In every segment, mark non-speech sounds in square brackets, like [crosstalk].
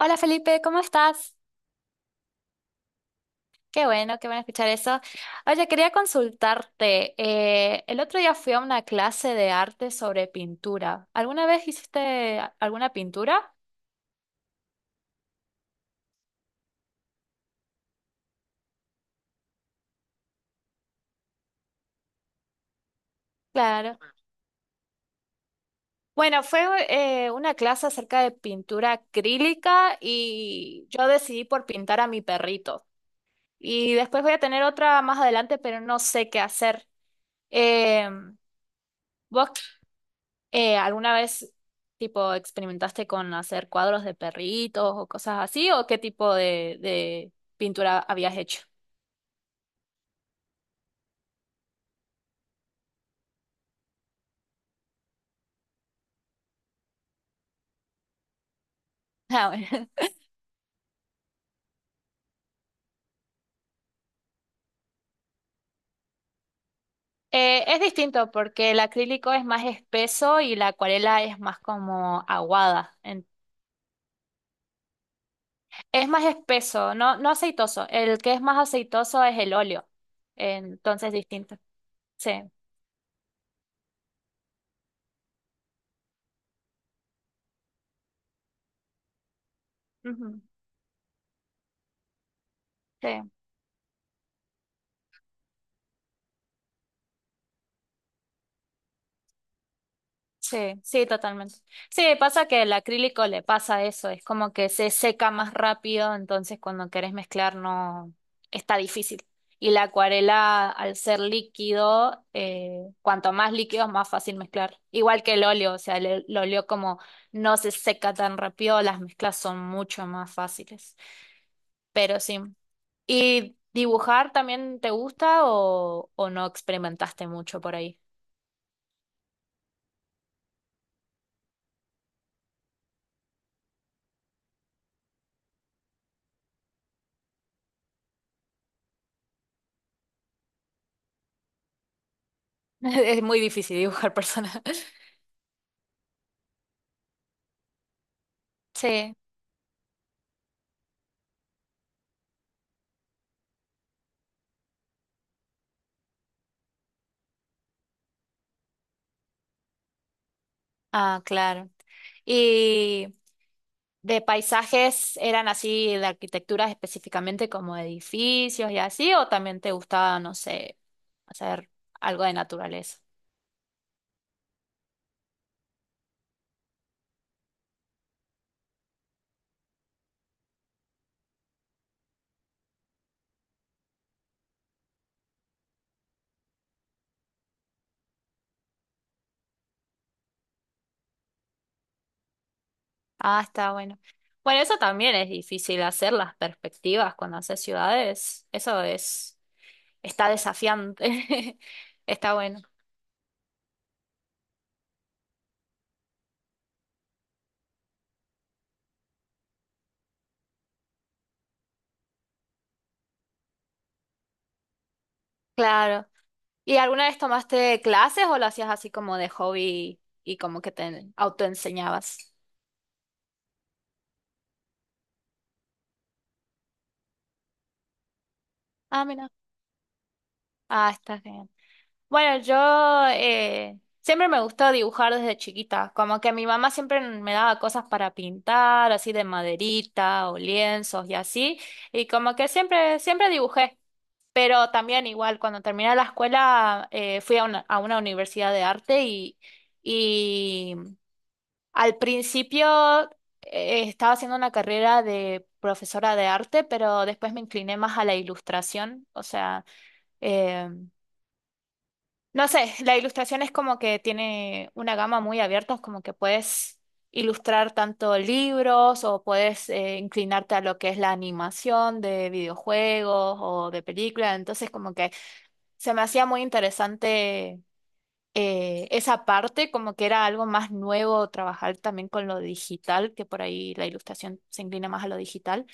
Hola Felipe, ¿cómo estás? Qué bueno escuchar eso. Oye, quería consultarte. El otro día fui a una clase de arte sobre pintura. ¿Alguna vez hiciste alguna pintura? Claro. Bueno, fue una clase acerca de pintura acrílica y yo decidí por pintar a mi perrito. Y después voy a tener otra más adelante, pero no sé qué hacer. Eh, ¿Vos ¿alguna vez, tipo, experimentaste con hacer cuadros de perritos o cosas así? ¿O qué tipo de pintura habías hecho? Ah, bueno. [laughs] Es distinto porque el acrílico es más espeso y la acuarela es más como aguada. Es más espeso, no, no aceitoso. El que es más aceitoso es el óleo. Entonces, distinto. Sí. Ujú. Sí. Sí, sí, totalmente. Sí, pasa que el acrílico le pasa eso, es como que se seca más rápido, entonces cuando querés mezclar no está difícil. Y la acuarela, al ser líquido, cuanto más líquido, más fácil mezclar. Igual que el óleo, o sea, el óleo como no se seca tan rápido, las mezclas son mucho más fáciles. Pero sí. ¿Y dibujar también te gusta o no experimentaste mucho por ahí? [laughs] Es muy difícil dibujar personas. [laughs] Sí. Ah, claro. Y de paisajes, ¿eran así de arquitecturas específicamente como edificios y así? ¿O también te gustaba, no sé, hacer algo de naturaleza? Ah, está bueno. Bueno, eso también es difícil hacer las perspectivas cuando haces ciudades. Eso es, está desafiante. [laughs] Está bueno. Claro. ¿Y alguna vez tomaste clases o lo hacías así como de hobby y como que te autoenseñabas? Ah, mira. Ah, está bien. Bueno, yo siempre me gustó dibujar desde chiquita, como que mi mamá siempre me daba cosas para pintar, así de maderita o lienzos y así, y como que siempre, siempre dibujé, pero también igual cuando terminé la escuela fui a una, universidad de arte y al principio estaba haciendo una carrera de profesora de arte, pero después me incliné más a la ilustración, o sea... em, no sé, la ilustración es como que tiene una gama muy abierta, es como que puedes ilustrar tanto libros o puedes inclinarte a lo que es la animación de videojuegos o de películas, entonces como que se me hacía muy interesante esa parte, como que era algo más nuevo trabajar también con lo digital, que por ahí la ilustración se inclina más a lo digital.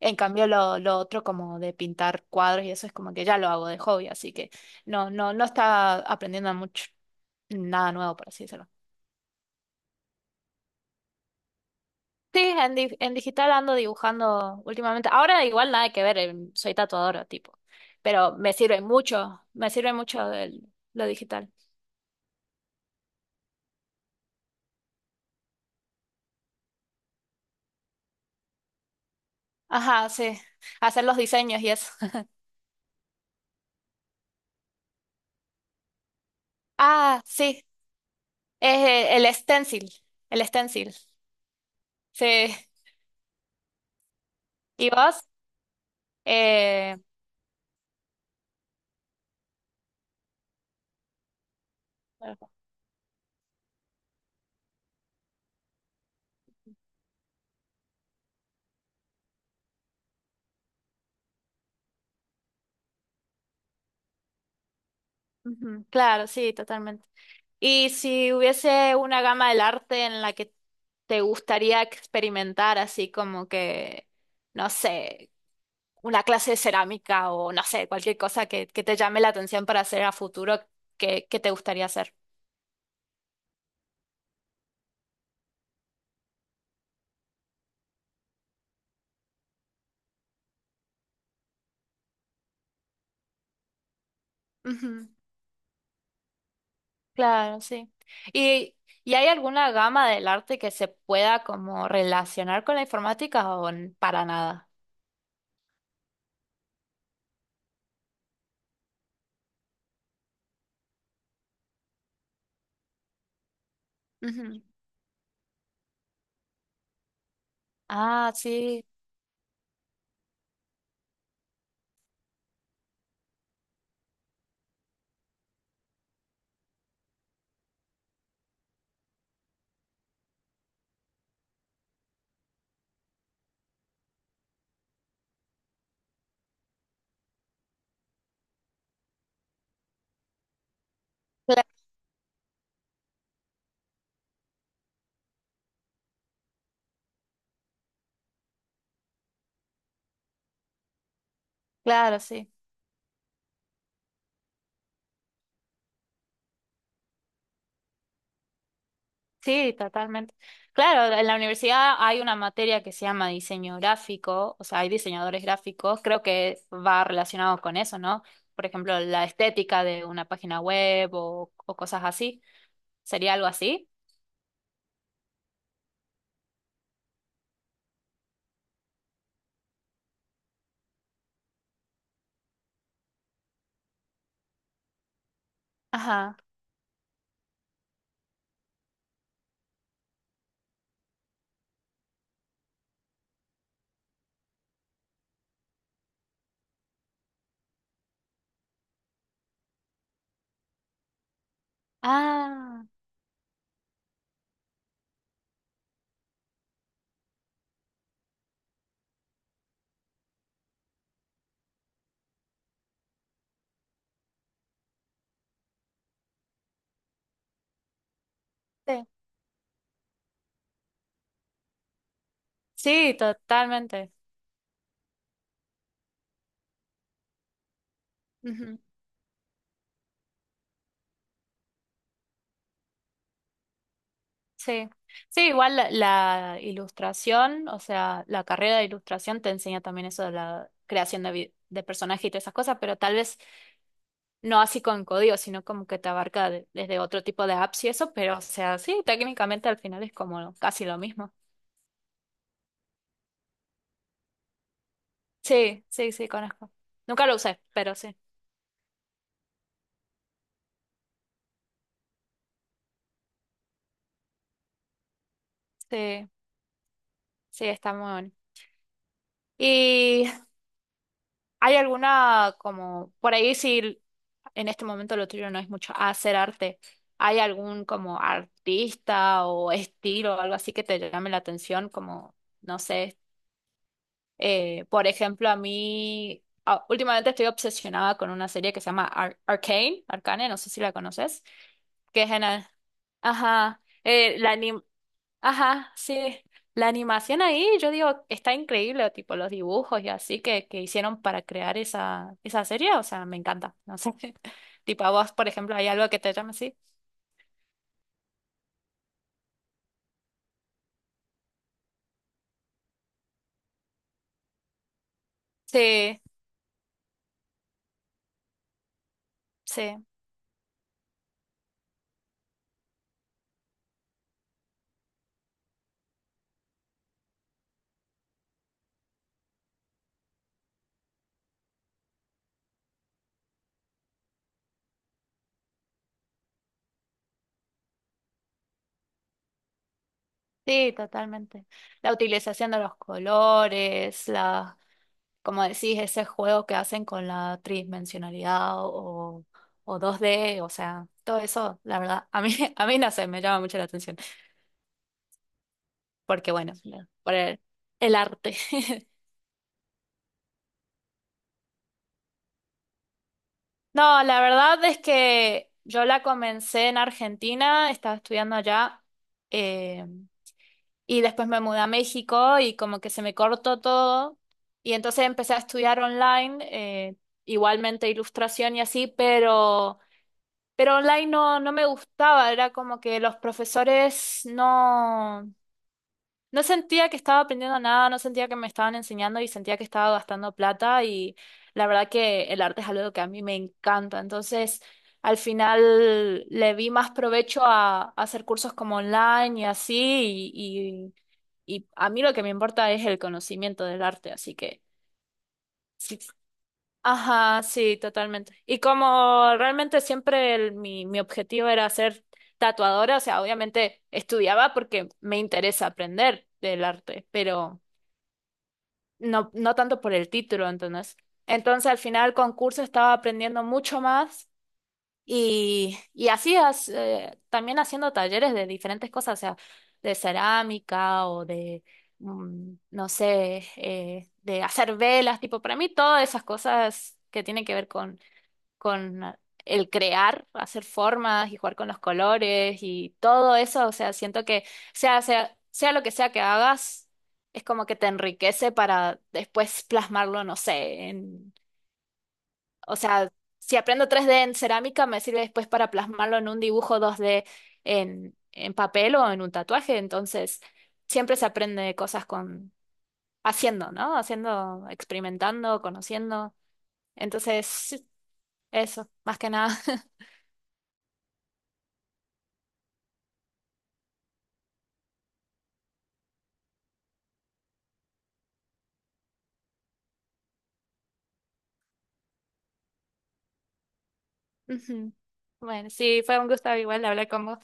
En cambio, lo otro como de pintar cuadros y eso es como que ya lo hago de hobby, así que no, no, no está aprendiendo mucho, nada nuevo, por así decirlo. Sí, en digital ando dibujando últimamente. Ahora igual nada que ver, soy tatuadora, tipo. Pero me sirve mucho lo digital. Ajá, sí. Hacer los diseños y eso. [laughs] Ah, sí. Es el stencil. El stencil. Sí. ¿Y vos? Eh, ujú, claro, sí, totalmente. Y si hubiese una gama del arte en la que te gustaría experimentar, así como que, no sé, una clase de cerámica o no sé, cualquier cosa que te llame la atención para hacer a futuro, ¿qué te gustaría hacer? Ujú. Claro, sí. ¿Y, y hay alguna gama del arte que se pueda como relacionar con la informática o n- para nada? Ujú. Ah, sí, cla- claro, sí. Sí, totalmente. Claro, en la universidad hay una materia que se llama diseño gráfico, o sea, hay diseñadores gráficos, creo que va relacionado con eso, ¿no? Por ejemplo, la estética de una página web o cosas así. ¿Sería algo así? Ajá. Ah, sí. Sí, totalmente. Ujú. Sí. Sí, igual la ilustración, o sea, la carrera de ilustración te enseña también eso de la creación de personajes y todas esas cosas, pero tal vez no así con código, sino como que te abarca desde otro tipo de apps y eso, pero o sea, sí, técnicamente al final es como casi lo mismo. Sí, sí, sí, conozco. Nunca lo usé, pero sí, sí, sí, está muy bueno. ¿Y hay alguna como, por ahí si en este momento lo tuyo no es mucho hacer arte, hay algún como artista o estilo o algo así que te llame la atención? Como, no sé, por ejemplo, a mí últimamente estoy obsesionada con una serie que se llama Arcane, no sé si la conoces, que es en ajá, ajá, sí, la animación ahí, yo digo, está increíble, tipo los dibujos y así que hicieron para crear esa serie, o sea, me encanta, no sé. [laughs] Tipo a vos, por ejemplo, hay algo que te llame así. Sí, sí, sí, totalmente. La utilización de los colores, las como decís, ese juego que hacen con la tridimensionalidad o 2D, o sea, todo eso, la verdad, a mí, [laughs] a mí no sé, me llama mucho la atención, porque bueno, por el arte. [laughs] No, la verdad es que yo la comencé en Argentina, estaba estudiando allá, eh, y después me mudé a México y como que se me cortó todo, y entonces empecé a estudiar online, igualmente ilustración y así, pero... Pero online no, no me gustaba, era como que los profesores no, no sentía que estaba aprendiendo nada, no sentía que me estaban enseñando y sentía que estaba gastando plata y la verdad que el arte es algo que a mí me encanta. Entonces, al final le vi más provecho a, hacer cursos como online y así y, y a mí lo que me importa es el conocimiento del arte, así que... Si, ajá, sí, totalmente. Y como realmente siempre mi objetivo era ser tatuadora, o sea, obviamente estudiaba porque me interesa aprender del arte, pero no, no tanto por el título, entonces. Entonces, al final, con curso estaba aprendiendo mucho más y así también haciendo talleres de diferentes cosas, o sea, de cerámica o de, no sé, de hacer velas, tipo, para mí todas esas cosas que tienen que ver con el crear, hacer formas y jugar con los colores y todo eso, o sea, siento que sea lo que sea que hagas, es como que te enriquece para después plasmarlo, no sé, en, o sea, si aprendo 3D en cerámica, me sirve después para plasmarlo en un dibujo 2D en papel o en un tatuaje, entonces siempre se aprende cosas con haciendo, ¿no? Haciendo, experimentando, conociendo. Entonces, sí, eso, más que nada. Ujú. Bueno, sí, fue un gusto igual hablar con vos.